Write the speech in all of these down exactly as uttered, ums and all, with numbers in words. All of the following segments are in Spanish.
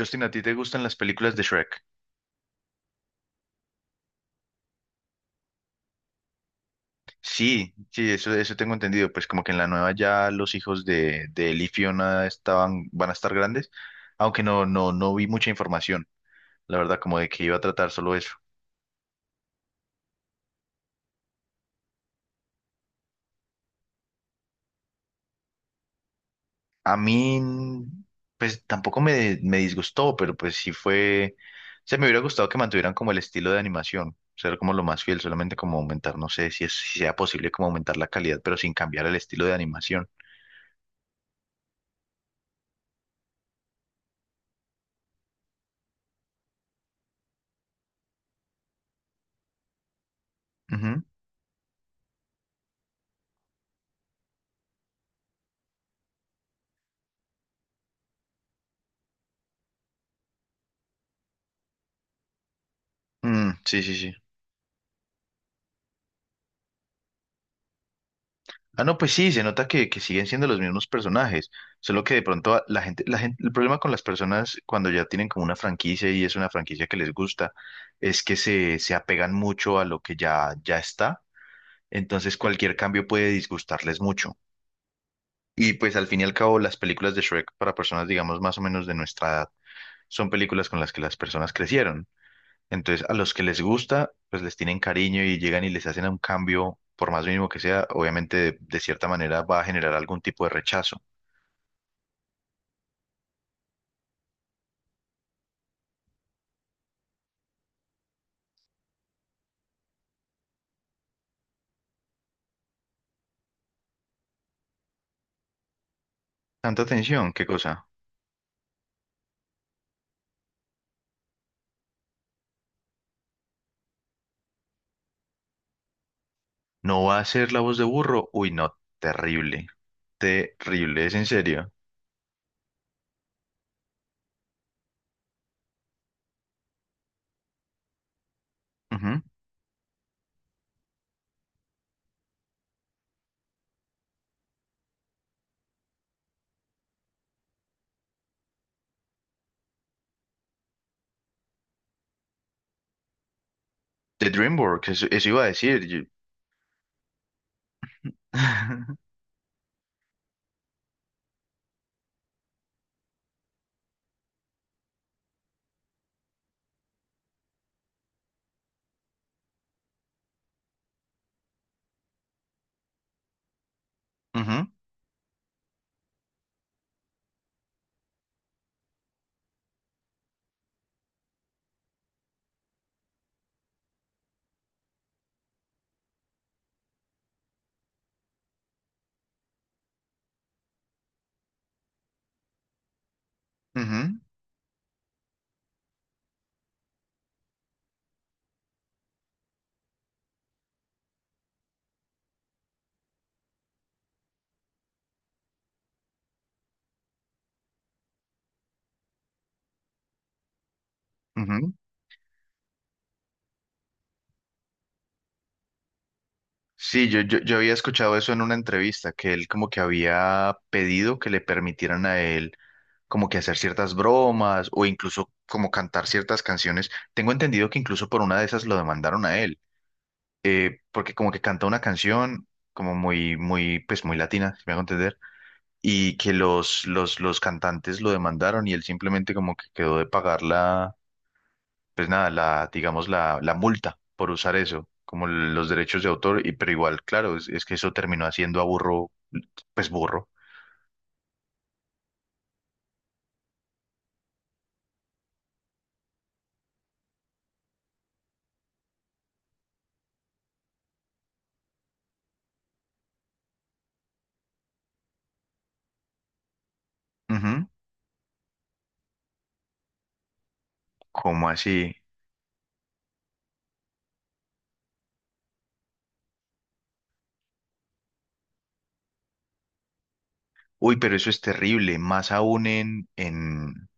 Justin, ¿a ti te gustan las películas de Shrek? Sí, sí, eso, eso tengo entendido. Pues como que en la nueva ya los hijos de, de Él y Fiona estaban, van a estar grandes, aunque no, no, no vi mucha información, la verdad, como de que iba a tratar solo eso. A mí, pues tampoco me, me disgustó, pero pues sí fue, se me hubiera gustado que mantuvieran como el estilo de animación, ser como lo más fiel, solamente como aumentar, no sé si, es, si sea posible como aumentar la calidad, pero sin cambiar el estilo de animación. Ujú. Mm, sí, sí, sí. Ah, no, pues sí, se nota que, que siguen siendo los mismos personajes, solo que de pronto a- la gente, la gente, el problema con las personas cuando ya tienen como una franquicia y es una franquicia que les gusta, es que se, se apegan mucho a lo que ya, ya está, entonces cualquier cambio puede disgustarles mucho. Y pues al fin y al cabo las películas de Shrek para personas, digamos, más o menos de nuestra edad, son películas con las que las personas crecieron. Entonces, a los que les gusta, pues les tienen cariño y llegan y les hacen un cambio, por más mínimo que sea, obviamente de, de cierta manera va a generar algún tipo de rechazo. Tanta atención, ¿qué cosa? ¿No va a ser la voz de burro? Uy, no, terrible, terrible, es en serio. Ujú. De DreamWorks, eso, eso iba a decir. yo- Ujú, ujú, ujú. Sí, yo, yo, yo había escuchado eso en una entrevista, que él como que había pedido que le permitieran a él como que hacer ciertas bromas o incluso como cantar ciertas canciones. Tengo entendido que incluso por una de esas lo demandaron a él, eh, porque como que canta una canción como muy, muy, pues muy latina, si me hago entender, y que los, los, los cantantes lo demandaron y él simplemente como que quedó de pagar la, pues nada, la, digamos, la, la multa por usar eso, como los derechos de autor, y, pero igual, claro, es, es que eso terminó haciendo a burro, pues burro. Ujú. ¿Cómo así? Uy, pero eso es terrible, más aún en, en,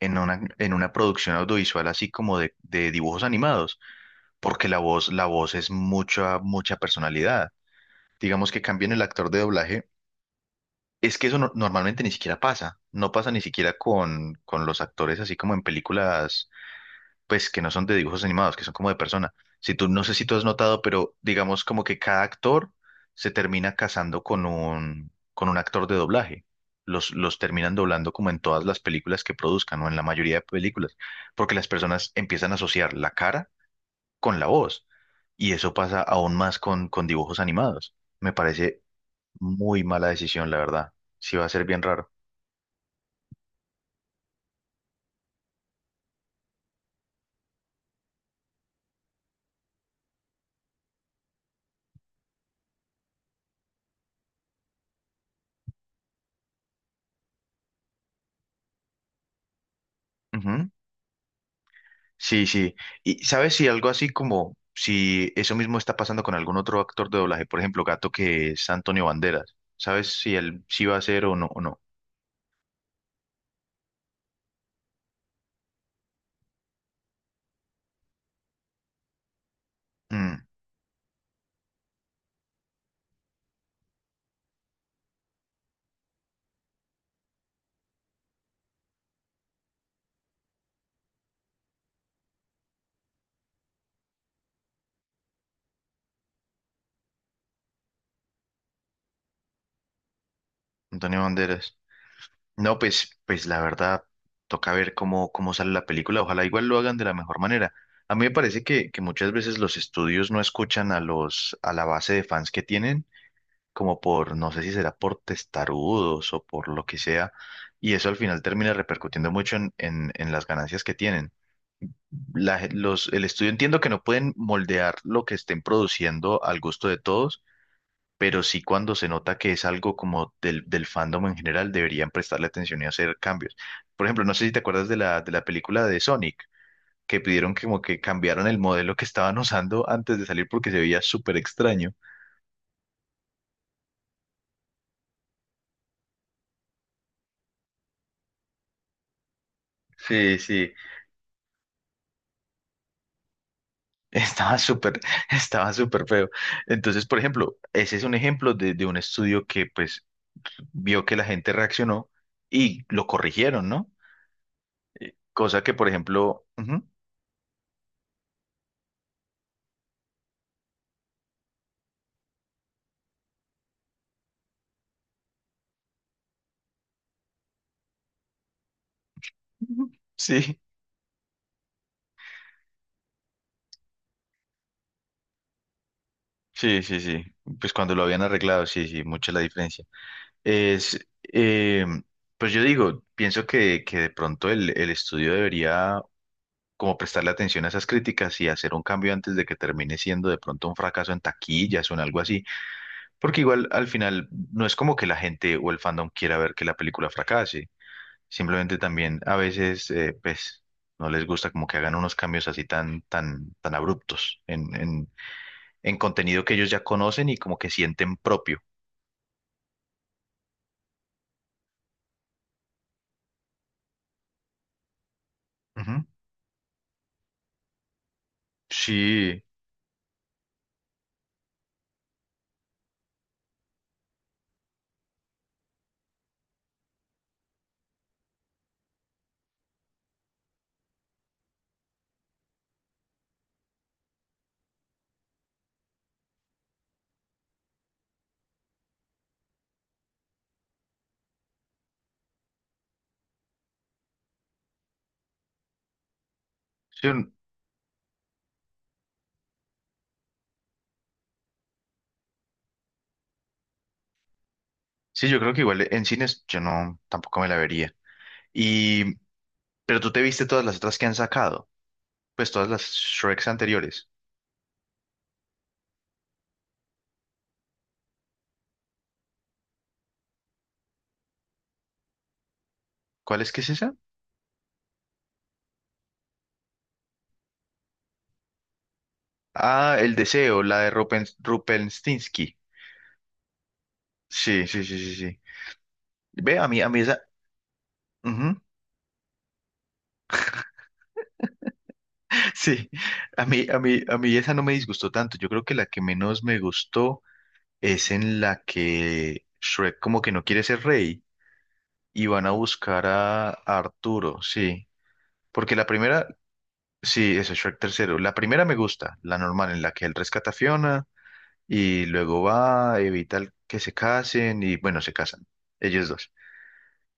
en una, en una producción audiovisual así como de, de dibujos animados, porque la voz, la voz es mucha, mucha personalidad. Digamos que cambien el actor de doblaje, es que eso no- normalmente ni siquiera pasa, no pasa ni siquiera con, con los actores así como en películas pues que no son de dibujos animados, que son como de persona. Si tú, no sé si tú has notado, pero digamos como que cada actor se termina casando con un, con un actor de doblaje. Los, los terminan doblando como en todas las películas que produzcan o en la mayoría de películas, porque las personas empiezan a asociar la cara con la voz. Y eso pasa aún más con, con dibujos animados. Me parece muy mala decisión, la verdad. Sí va a ser bien raro. Sí, sí. Y sabes si algo así como si eso mismo está pasando con algún otro actor de doblaje, por ejemplo, Gato que es Antonio Banderas. ¿Sabes si él sí va a ser o no o no? Mm, Antonio Banderas. No, pues, pues la verdad, toca ver cómo, cómo sale la película. Ojalá igual lo hagan de la mejor manera. A mí me parece que, que muchas veces los estudios no escuchan a los, a la base de fans que tienen, como por, no sé si será por testarudos o por lo que sea, y eso al final termina repercutiendo mucho en en- en las ganancias que tienen. la gen- los, el estudio entiendo que no pueden moldear lo que estén produciendo al gusto de todos, pero sí cuando se nota que es algo como del, del fandom en general, deberían prestarle atención y hacer cambios. Por ejemplo, no sé si te acuerdas de la, de la película de Sonic, que pidieron que como que cambiaron el modelo que estaban usando antes de salir porque se veía súper extraño. Sí, sí. Estaba súper, estaba súper feo. Entonces, por ejemplo, ese es un ejemplo de, de un estudio que pues vio que la gente reaccionó y lo corrigieron, ¿no? Cosa que, por ejemplo, ujú, ujú, sí, sí, sí, sí, pues cuando lo habían arreglado, sí, sí, mucha la diferencia. Es, eh, pues yo digo, pienso que, que de pronto el, el estudio debería como prestarle atención a esas críticas y hacer un cambio antes de que termine siendo de pronto un fracaso en taquillas o en algo así, porque igual al final no es como que la gente o el fandom quiera ver que la película fracase. Simplemente también a veces, eh, pues, no les gusta como que hagan unos cambios así tan, tan, tan abruptos en, en, en contenido que ellos ya conocen y como que sienten propio. Ujú. Sí, sí, un- sí, yo creo que igual en cines yo no, tampoco me la vería. Y, pero tú te viste todas las otras que han sacado, pues todas las Shreks anteriores. ¿Cuál es que es esa? Ah, El Deseo, la de Rupen, Rupenstinsky. Sí, sí, sí, sí, sí. Ve, a mí, a mí esa. Ujú. Sí, a mí, a mí, a mí esa no me disgustó tanto. Yo creo que la que menos me gustó es en la que Shrek como que no quiere ser rey y van a buscar a, a Arturo, sí. Porque la primera, sí, eso, Shrek tercero. La primera me gusta, la normal, en la que él rescata a Fiona y luego va, evita el- que se casen y bueno, se casan, ellos dos.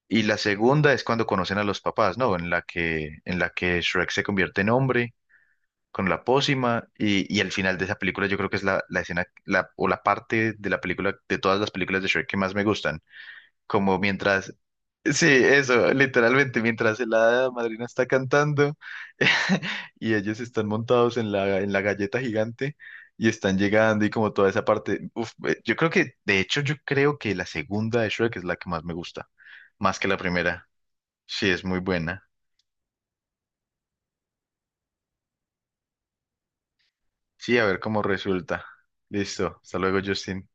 Y la segunda es cuando conocen a los papás, ¿no? En la que, en la que Shrek se convierte en hombre con la pócima y, y el final de esa película yo creo que es la, la escena la, o la parte de la película, de todas las películas de Shrek que más me gustan. Como mientras, sí, eso, literalmente, mientras la hada madrina está cantando y ellos están montados en la, en la galleta gigante y están llegando y como toda esa parte, uf, eh, yo creo que, de hecho, yo creo que la segunda de Shrek es la que más me gusta, más que la primera. Sí, es muy buena. Sí, a ver cómo resulta. Listo, hasta luego, Justin.